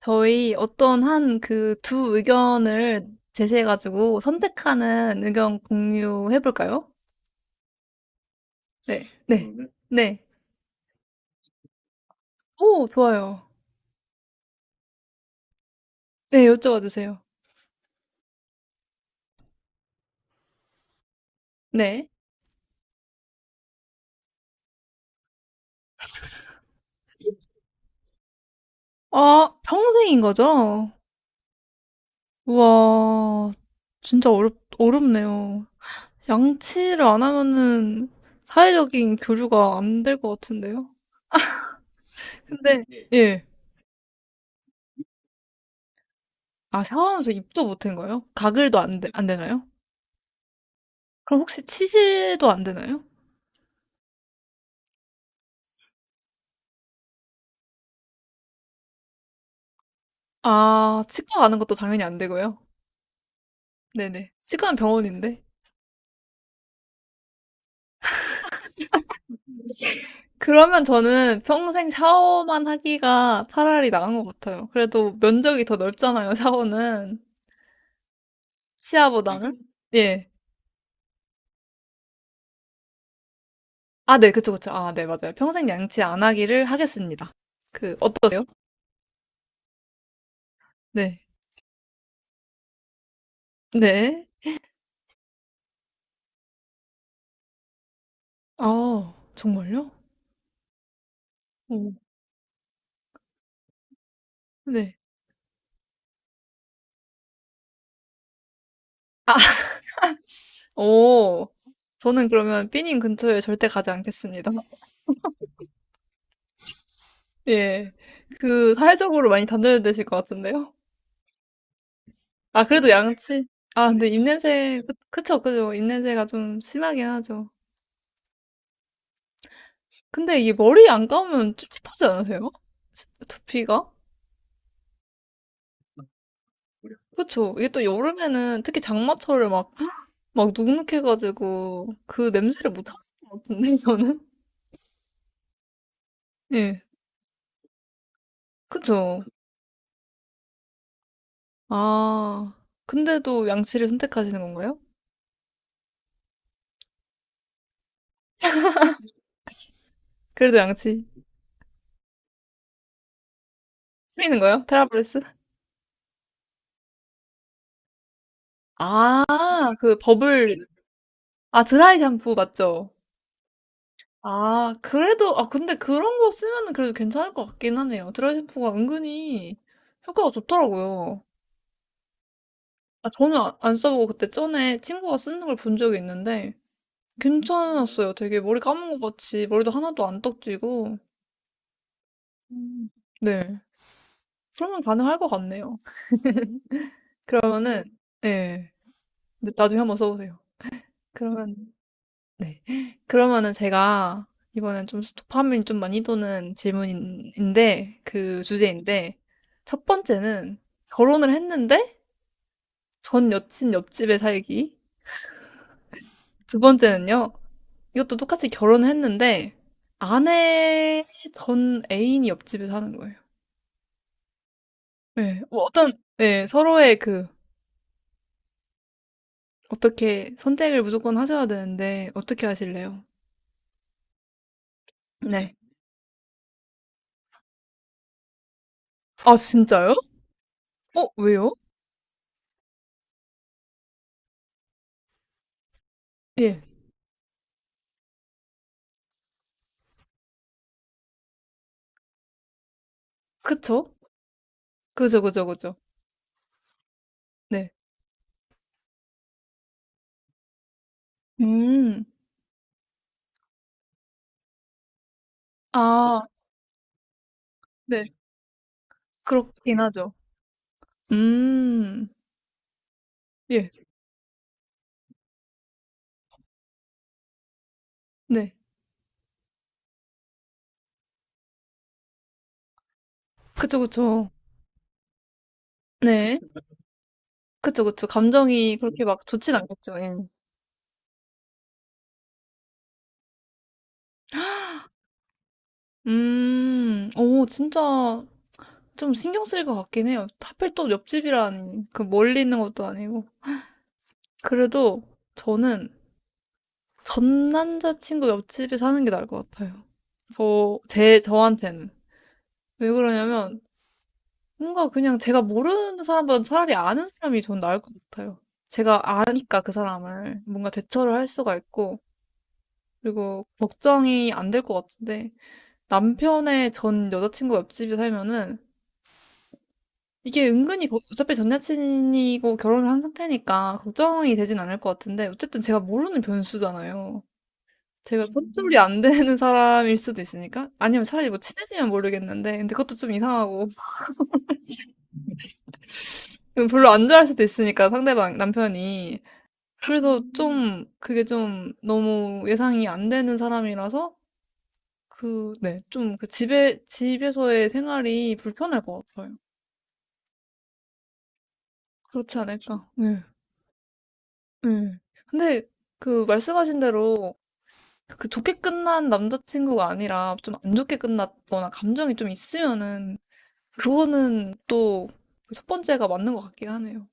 저희 어떤 한 그 두 의견을 제시해가지고 선택하는 의견 공유해볼까요? 네. 네. 네. 오, 좋아요. 네, 여쭤봐 주세요. 네. 아, 평생인 거죠? 우와, 진짜 어렵네요. 양치를 안 하면은 사회적인 교류가 안 될 것 같은데요? 근데, 예. 아, 샤워하면서 입도 못 한 거예요? 가글도 안, 되, 안 되나요? 그럼 혹시 치실도 안 되나요? 아, 치과 가는 것도 당연히 안 되고요. 네네. 치과는 병원인데. 그러면 저는 평생 샤워만 하기가 차라리 나은 것 같아요. 그래도 면적이 더 넓잖아요, 샤워는. 치아보다는. 음. 예. 아, 네, 그쵸, 그쵸. 아, 네, 맞아요. 평생 양치 안 하기를 하겠습니다. 그, 어떠세요? 네. 네. 아, 정말요? 오, 네. 아, 오. 저는 그러면 삐님 근처에 절대 가지 않겠습니다. 예. 그, 사회적으로 많이 단절되실 것 같은데요? 아, 그래도 양치. 아, 근데 입냄새, 그, 그쵸, 그죠. 입냄새가 좀 심하긴 하죠. 근데 이게 머리 안 감으면 찝찝하지 않으세요? 치- 두피가? 그쵸. 이게 또 여름에는 특히 장마철에 막, 막 눅눅해가지고 그 냄새를 못 하는 것 같은데, 저는? 예. 그쵸. 아, 근데도 양치를 선택하시는 건가요? 그래도 양치. 쓰이는 거예요? 테라브레스? 아, 그 버블, 아, 드라이 샴푸 맞죠? 아, 그래도, 아, 근데 그런 거 쓰면은 그래도 괜찮을 것 같긴 하네요. 드라이샴푸가 은근히 효과가 좋더라고요. 아, 저는 안 써보고 그때 전에 친구가 쓰는 걸 본 적이 있는데 괜찮았어요. 되게 머리 감은 것 같이 머리도 하나도 안 떡지고. 음. 네. 그러면 가능할 것 같네요. 그러면은, 네. 근데 나중에 한번 써보세요. 그러면 네. 그러면은 제가 이번엔 좀 도파민 좀 많이 도는 질문인데, 그 주제인데, 첫 번째는 결혼을 했는데 전 여친 옆집에 살기. 두 번째는요, 이것도 똑같이 결혼을 했는데 아내 전 애인이 옆집에 사는 거예요. 네. 뭐 어떤, 네. 서로의 그, 어떻게 선택을 무조건 하셔야 되는데, 어떻게 하실래요? 네. 아, 진짜요? 어, 왜요? 예. 그쵸? 그죠, 그죠, 그죠. 네. 음. 네. 아 네. 네. 그렇긴 하죠. 음. 예. 네. 그쵸, 그쵸. 네. 그쵸, 그쵸. 감정이 그렇게 막 좋진 않겠죠. 예. 음. 오 진짜 좀 신경 쓰일 것 같긴 해요. 하필 또 옆집이라니. 그 멀리 있는 것도 아니고. 그래도 저는 전 남자친구 옆집에 사는 게 나을 것 같아요. 저 제 저한테는. 왜 그러냐면 뭔가 그냥 제가 모르는 사람보다 차라리 아는 사람이 전 나을 것 같아요. 제가 아니까 그 사람을 뭔가 대처를 할 수가 있고, 그리고 걱정이 안 될 것 같은데, 남편의 전 여자친구 옆집에 살면은 이게 은근히 어차피 전 여친이고 결혼을 한 상태니까 걱정이 되진 않을 것 같은데, 어쨌든 제가 모르는 변수잖아요. 제가 손절이 안 되는 사람일 수도 있으니까? 아니면 차라리 뭐 친해지면 모르겠는데, 근데 그것도 좀 이상하고, 별로 안 좋아할 수도 있으니까 상대방, 남편이. 그래서 좀 그게 좀 너무 예상이 안 되는 사람이라서 그, 네, 좀그 집에서의 생활이 불편할 것 같아요. 그렇지 그렇죠. 않을까. 네, 네. 근데 그 말씀하신 대로 그 좋게 끝난 남자친구가 아니라 좀 안 좋게 끝났거나 감정이 좀 있으면은 그거는 또 그 첫 번째가 맞는 것 같긴 하네요.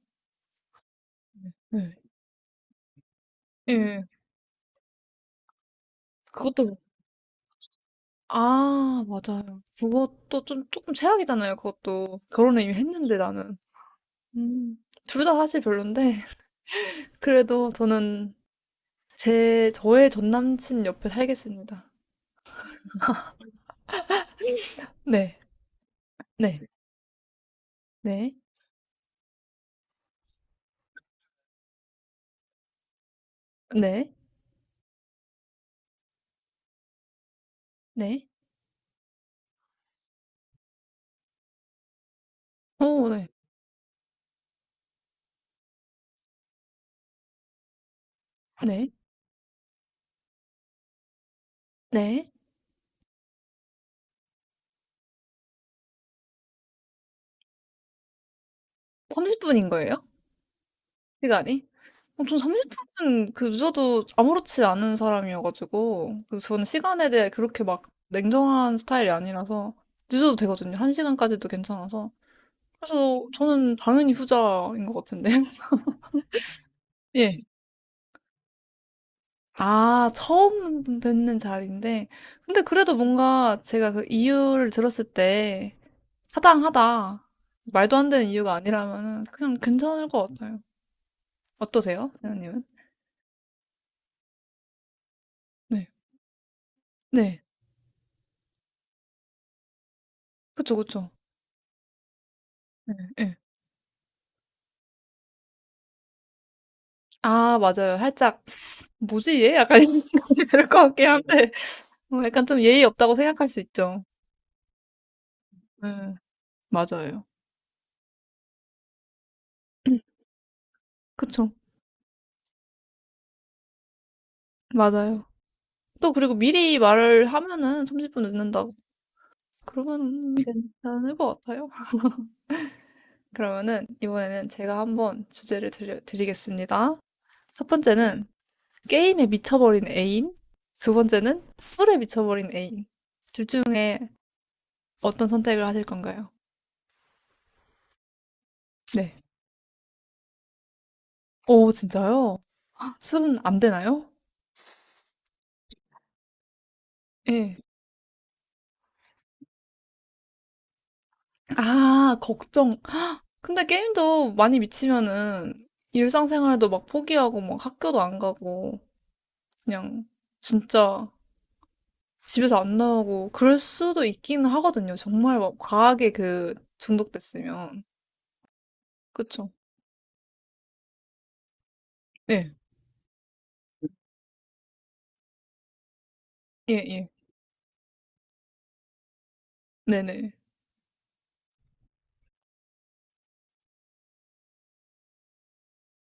네. 예. 그것도, 아, 맞아요. 그것도 좀, 조금 최악이잖아요. 그것도. 결혼을 이미 했는데 나는. 음. 둘 다 사실 별론데 그래도 저는 제 저의 전 남친 옆에 살겠습니다. 네. 네. 네. 네. 네. 어 네. 네. 네. 30분 분인 거예요? 시간이? 어 전 30분 분은 그 늦어도 아무렇지 않은 사람이어 가지고 그래서 저는 시간에 대해 그렇게 막 냉정한 스타일이 아니라서 늦어도 되거든요. 한 시간까지도 괜찮아서. 그래서 저는 당연히 후자인 것 같은데 예. 아, 처음 뵙는 자리인데. 근데 그래도 뭔가 제가 그 이유를 들었을 때 타당하다. 말도 안 되는 이유가 아니라면은 그냥 괜찮을 것 같아요. 어떠세요? 선생님은? 네. 네. 그쵸, 그쵸. 네, 네. 아, 맞아요. 살짝, 뭐지, 얘? 약간 이런 생각이 들 것 같긴 한데, 뭐 약간 좀 예의 없다고 생각할 수 있죠. 네, 맞아요. 그쵸. 맞아요. 또 그리고 미리 말을 하면은 30분 늦는다고. 그러면 괜찮을 것 같아요. 그러면은 이번에는 제가 한번 주제를 드리겠습니다. 첫 번째는 게임에 미쳐버린 애인, 두 번째는 술에 미쳐버린 애인. 둘 중에 어떤 선택을 하실 건가요? 네. 오, 진짜요? 헉, 술은 안 되나요? 예. 아, 걱정. 근데 게임도 많이 미치면은 일상생활도 막 포기하고 막 학교도 안 가고 그냥 진짜 집에서 안 나오고 그럴 수도 있기는 하거든요. 정말 막 과하게 그 중독됐으면. 그쵸? 네. 예, 예. 네네.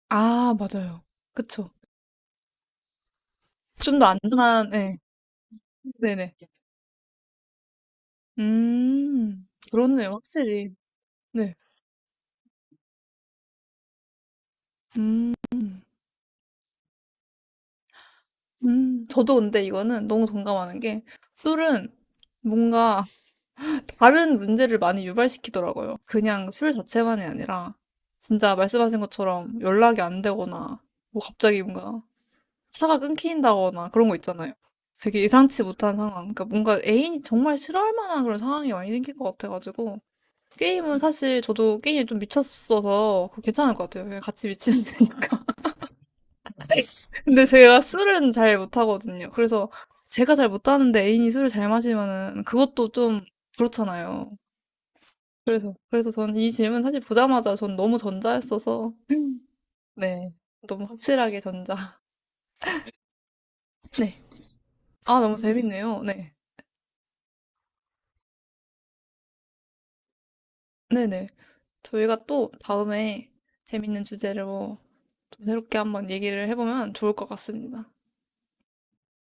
아, 맞아요. 그쵸. 좀 더 안전한, 네. 네네. 그렇네요. 확실히. 네. 음, 저도 근데 이거는 너무 동감하는 게 술은 뭔가 다른 문제를 많이 유발시키더라고요. 그냥 술 자체만이 아니라 진짜 말씀하신 것처럼 연락이 안 되거나 뭐 갑자기 뭔가 차가 끊긴다거나 그런 거 있잖아요. 되게 예상치 못한 상황. 그러니까 뭔가 애인이 정말 싫어할 만한 그런 상황이 많이 생길 것 같아가지고. 게임은 사실 저도 게임에 좀 미쳤어서 그거 괜찮을 것 같아요. 그냥 같이 미치면 되니까. 근데 제가 술은 잘 못하거든요. 그래서 제가 잘 못하는데 애인이 술을 잘 마시면은 그것도 좀 그렇잖아요. 그래서 저는 이 질문 사실 보자마자 전 너무 전자했어서. 네. 너무 확실하게 전자. 네. 아, 너무 재밌네요. 네. 네네. 저희가 또 다음에 재밌는 주제로 좀 새롭게 한번 얘기를 해보면 좋을 것 같습니다.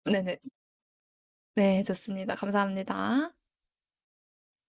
네네. 네, 좋습니다. 감사합니다.